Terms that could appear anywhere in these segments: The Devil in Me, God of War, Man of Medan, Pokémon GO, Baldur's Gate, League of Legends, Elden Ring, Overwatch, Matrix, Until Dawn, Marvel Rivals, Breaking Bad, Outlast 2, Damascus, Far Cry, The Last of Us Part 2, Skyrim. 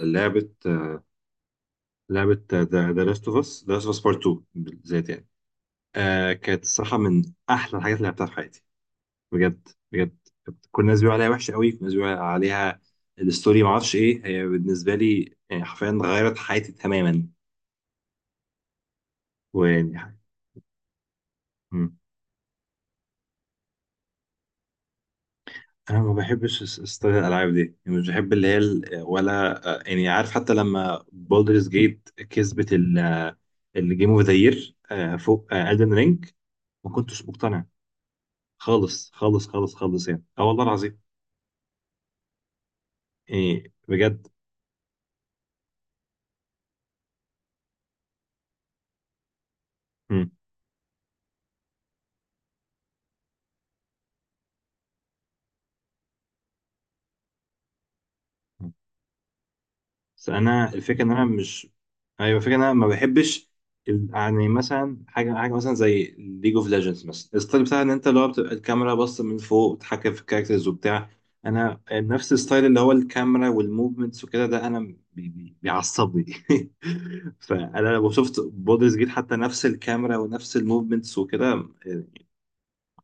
لعبة لعبة، ذا لاست اوف اس بارت 2 بالذات، يعني، كانت الصراحة من أحلى الحاجات اللي لعبتها في حياتي. بجد بجد. كل الناس بيقولوا عليها وحشة قوي، كل الناس بيقولوا عليها الستوري، معرفش إيه هي بالنسبة لي. يعني حرفيا غيرت حياتي تماما. ويعني. مم. أنا ما بحبش ستايل الألعاب دي. يعني مش بحب اللي هي ولا، يعني عارف، حتى لما بولدرز جيت كسبت الجيم اوف ذا يير فوق ألدن رينج، ما كنتش مقتنع خالص خالص خالص خالص، يعني اه والله العظيم. ايه بجد. مم. مم. بس انا الفكره ان انا مش ايوه، الفكره ان انا ما بحبش يعني، مثلا حاجه مثلا زي ليج اوف ليجندز، مثلا الستايل بتاع ان انت، اللي هو بتبقى الكاميرا باصه من فوق وتتحكم في الكاركترز وبتاع. انا نفس الستايل اللي هو الكاميرا والموفمنتس وكده، ده انا بيعصبني. فانا لو شفت بودرز جيت، حتى نفس الكاميرا ونفس الموفمنتس وكده، يعني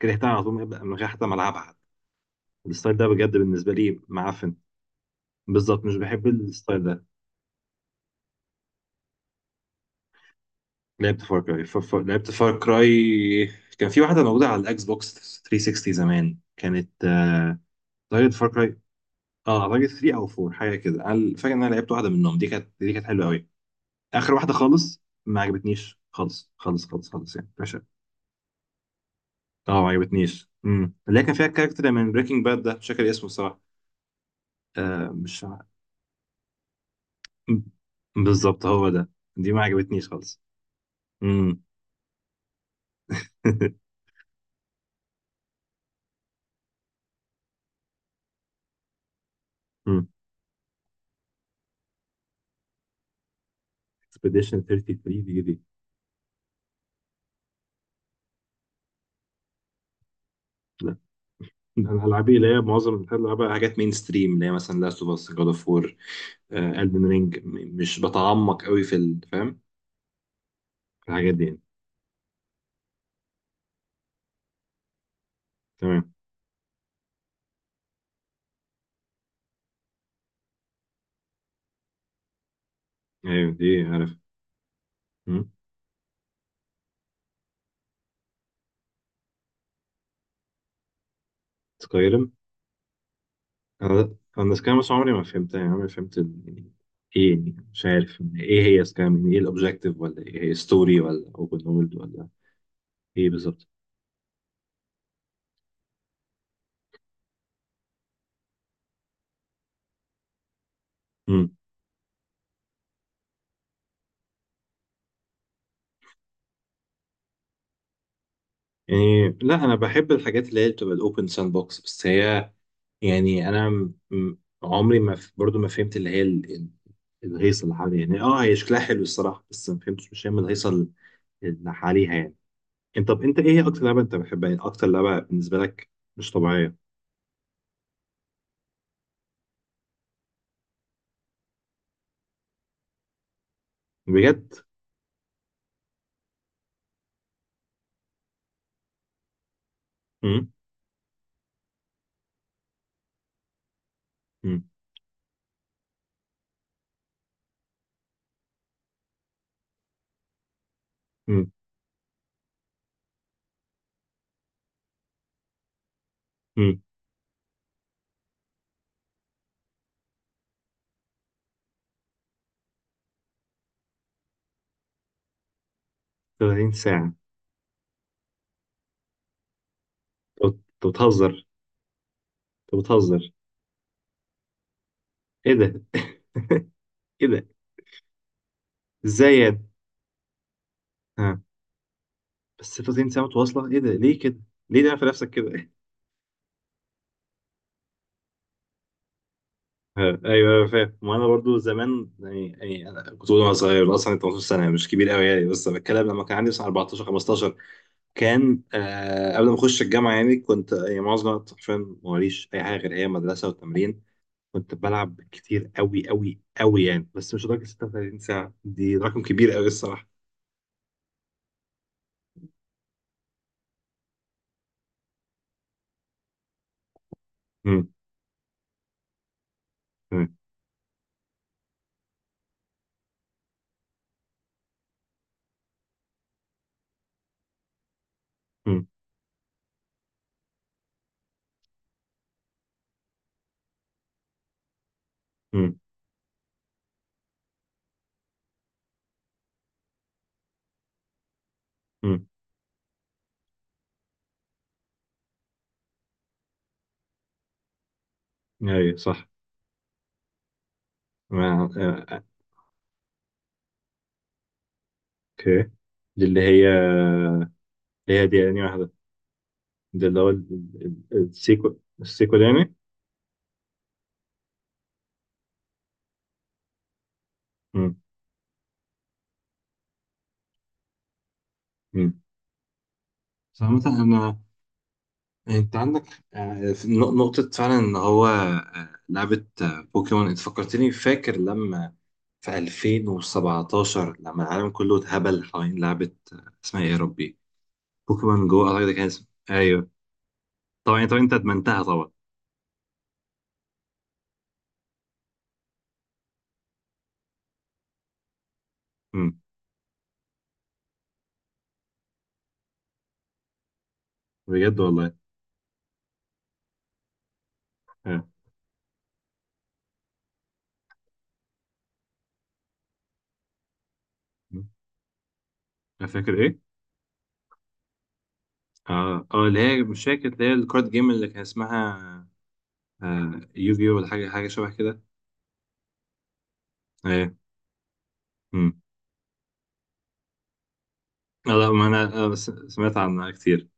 كرهتها على طول من غير حتى ما العبها. الستايل ده بجد بالنسبه لي معفن. بالظبط، مش بحب الستايل ده. لعبت فار كراي. كان في واحده موجوده على الاكس بوكس 360 زمان، كانت، طريقه فار كراي. اه اعتقد 3 او 4، حاجه كده، انا فاكر ان انا لعبت واحده منهم، دي كانت حلوه قوي. اخر واحده خالص ما عجبتنيش، خالص خالص خالص خالص يعني، باشا. اه ما عجبتنيش، اللي هي كان فيها الكاركتر من بريكنج باد، ده مش فاكر اسمه الصراحه. آه مش ع- بالظبط، هو ده. دي ما عجبتنيش خالص. امم اكسبيديشن 33 دي؟ لا، ده انا هلعب ايه؟ اللي هي معظم الحاجات اللي بلعبها حاجات مين ستريم، اللي هي مثلا لاست اوف اس، جاد اوف وور، البن رينج. مش بتعمق قوي في فاهم، في الحاجات دي يعني. تمام. ايوه، دي عارف. سكايرم. انا سكايرم، بس عمري ما فهمتها، يعني عمري ما فهمت يعني ايه، يعني مش عارف ايه هي سكايرم، يعني ايه الاوبجيكتيف ولا ايه هي ستوري ولا اوبن وورلد ولا ايه بالظبط. مم. يعني لا، انا بحب الحاجات اللي هي بتبقى الاوبن ساند بوكس، بس هي، يعني انا عمري ما برضو ما فهمت اللي هي الهيصه اللي حواليها. يعني اه، هي شكلها حلو الصراحه، بس ما فهمتش، مش فاهم الهيصه اللي حواليها يعني. طب، انت ايه اكتر لعبه انت بتحبها؟ يعني اكتر لعبه بالنسبه لك، مش طبيعيه. بجد؟ امم امم امم امم 30 ساعه؟ انت أنت بتهزر! انت بتهزر ايه ده؟ ايه ده، ازاي يعني؟ ها؟ بس 30 ساعه متواصله، ايه ده، ليه كده؟ ليه ده في نفسك كده؟ ايوه ايوه فاهم. وانا برضو زمان يعني انا كنت بقول وانا صغير، اصلا 18 سنه مش كبير قوي يعني، بس بتكلم لما كان عندي مثلا 14، 15. كان قبل ما اخش الجامعه يعني، كنت، يعني معظم الوقت حرفيا ماليش اي حاجه غير هي مدرسه وتمرين. كنت بلعب كتير قوي قوي قوي يعني، بس مش لدرجه 36 ساعه. دي رقم كبير قوي الصراحه. امم تمام. امم امم امم ايوه صح. ما- آه، آه، اوكي. دي اللي هي اللي هي دي يعني واحده. ده اللي هو السيكو اليومي. مم. مم. فمثلا انا، انت عندك في نقطة فعلا ان هو، لعبة، بوكيمون، انت فكرتني. فاكر لما في 2017 لما العالم كله اتهبل حوالين لعبة، اسمها ايه يا ربي؟ بوكيمون جو، اعتقد كان اسمها. ايوه. طبعا طبعا انت ادمنتها طبعا. مم. بجد والله. آه. مم. انا فاكر ايه. اه اللي هي مش فاكر، اللي هي الكارد جيم اللي كان اسمها يوجي، ولا حاجة شبه كده. آه، مم. لا، ما انا، سمعت عنها كتير.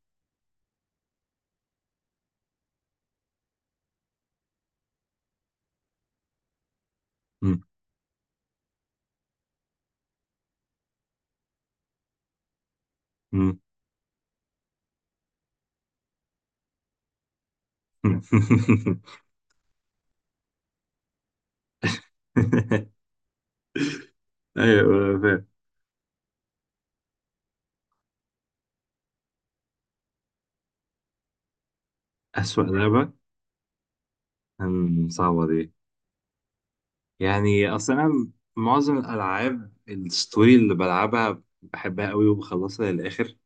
مم. مم. ايوه فاهم. اسوأ لعبة، صعبة دي. يعني اصلا انا معظم الالعاب الستوري اللي بلعبها بحبها قوي وبخلصها للاخر.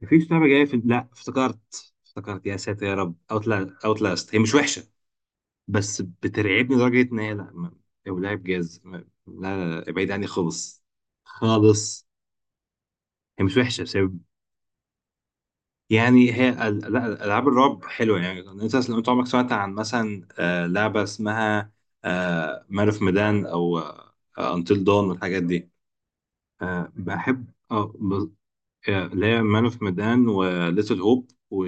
مفيش لعبة جاية في. لا، افتكرت، يا ساتر يا رب. اوتلاست، هي مش وحشة، بس بترعبني لدرجة ان هي. لا لو لعب جاز لا لا لا، ابعد عني خالص. خالص. هي مش وحشة، بس يعني هي لا، العاب الرعب حلوه. يعني انت، لو عمرك سمعت عن مثلا، لعبه اسمها مارف ميدان او انتل دون والحاجات دي. بحب. اللي هي مان اوف ميدان، وليتل هوب، و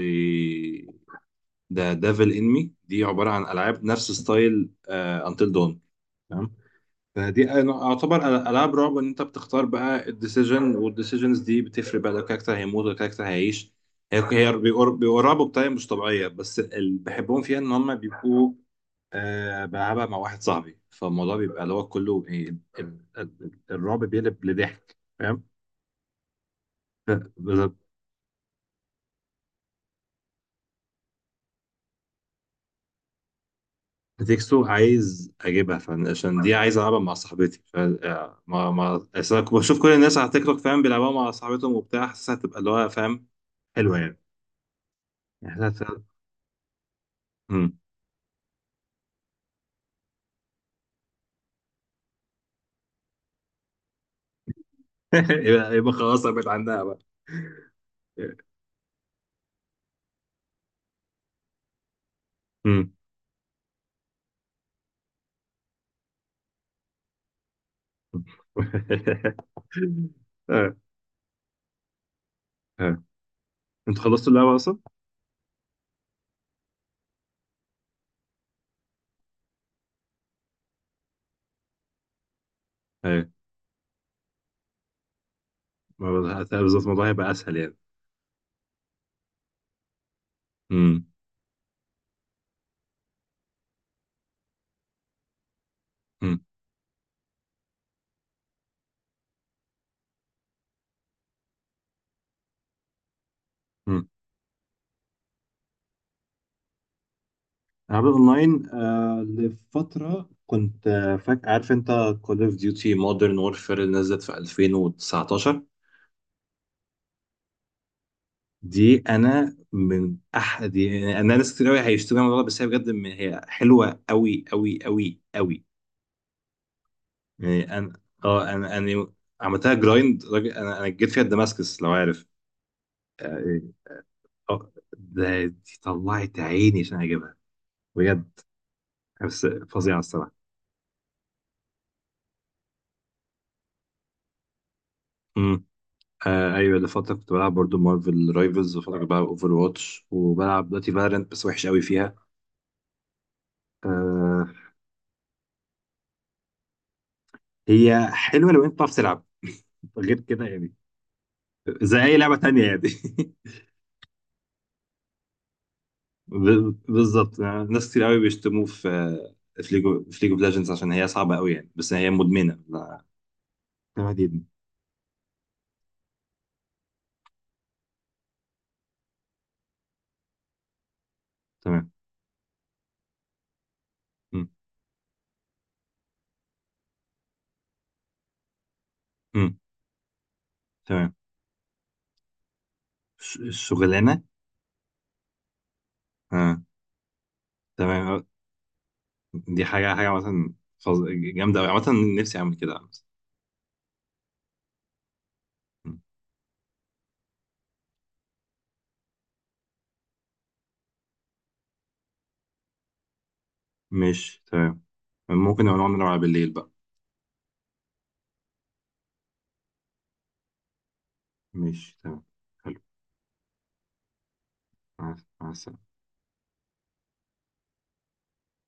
ذا ديفل ان مي، دي عباره عن العاب نفس ستايل انتل دون. فدي، اعتبر العاب رعب ان انت بتختار بقى الديسيجن، والديسيجنز دي بتفرق بقى لو الكاركتر هيموت ولا الكاركتر هيعيش. هي هي بيقربوا بطريقه مش طبيعيه، بس اللي بحبهم فيها ان هم بيبقوا، بلعبها مع واحد صاحبي، فالموضوع بيبقى اللي هو كله الرعب بيقلب لضحك، فاهم. ف- ب- بتكسو عايز اجيبها، عشان دي عايز العبها مع صاحبتي. ف آه، ما أصل أنا كنت بشوف كل الناس على تيك توك، فاهم، بيلعبوها مع صاحبتهم وبتاع. حاسسها هتبقى اللي هو، فاهم، حلوه يعني. يعني مم. يبقى خلاص بقت عندها بقى. مم. آه، آه. انتوا خلصتوا اللعبة أصلا؟ ايه. ما بز- بالظبط، الموضوع هيبقى أسهل يعني. مم. مم. مم. أنا لعبت أونلاين لفترة، كنت، فاك، عارف أنت كول أوف ديوتي مودرن وورفير اللي نزلت في 2019. دي أنا من أحد يعني. أنا ناس كتير أوي هيشتروا الموضوع ده، بس هي بجد، هي حلوة أوي أوي أوي أوي. يعني انا، انا عملتها جرايند راجل. انا جيت فيها دماسكس لو عارف. اه إيه. دي طلعت عيني عشان اجيبها، بجد. بس فظيعه الصراحه. امم ايوه، اللي فتره كنت بلعب برضو مارفل رايفلز، وفتره كنت بلعب اوفر واتش، وبلعب دلوقتي فالورنت، بس وحش قوي فيها. آه هي حلوه لو انت بتعرف تلعب، غير كده يعني زي اي لعبه تانية يعني. بالظبط. ناس كتير قوي بيشتموه في، آه، في ليجو في ليج اوف ليجندز، عشان هي صعبه قوي يعني، بس هي مدمنه جامد جدا. تمام. مم. مم. تمام. الشغلانه. اه تمام. آه. دي حاجه، مثلا فظ- جامده قوي عامه. نفسي اعمل كده مثلا. مم. ماشي تمام. ممكن نبقى نقعد نلعب بالليل بقى. ماشي تمام. حلو. مع السلامه.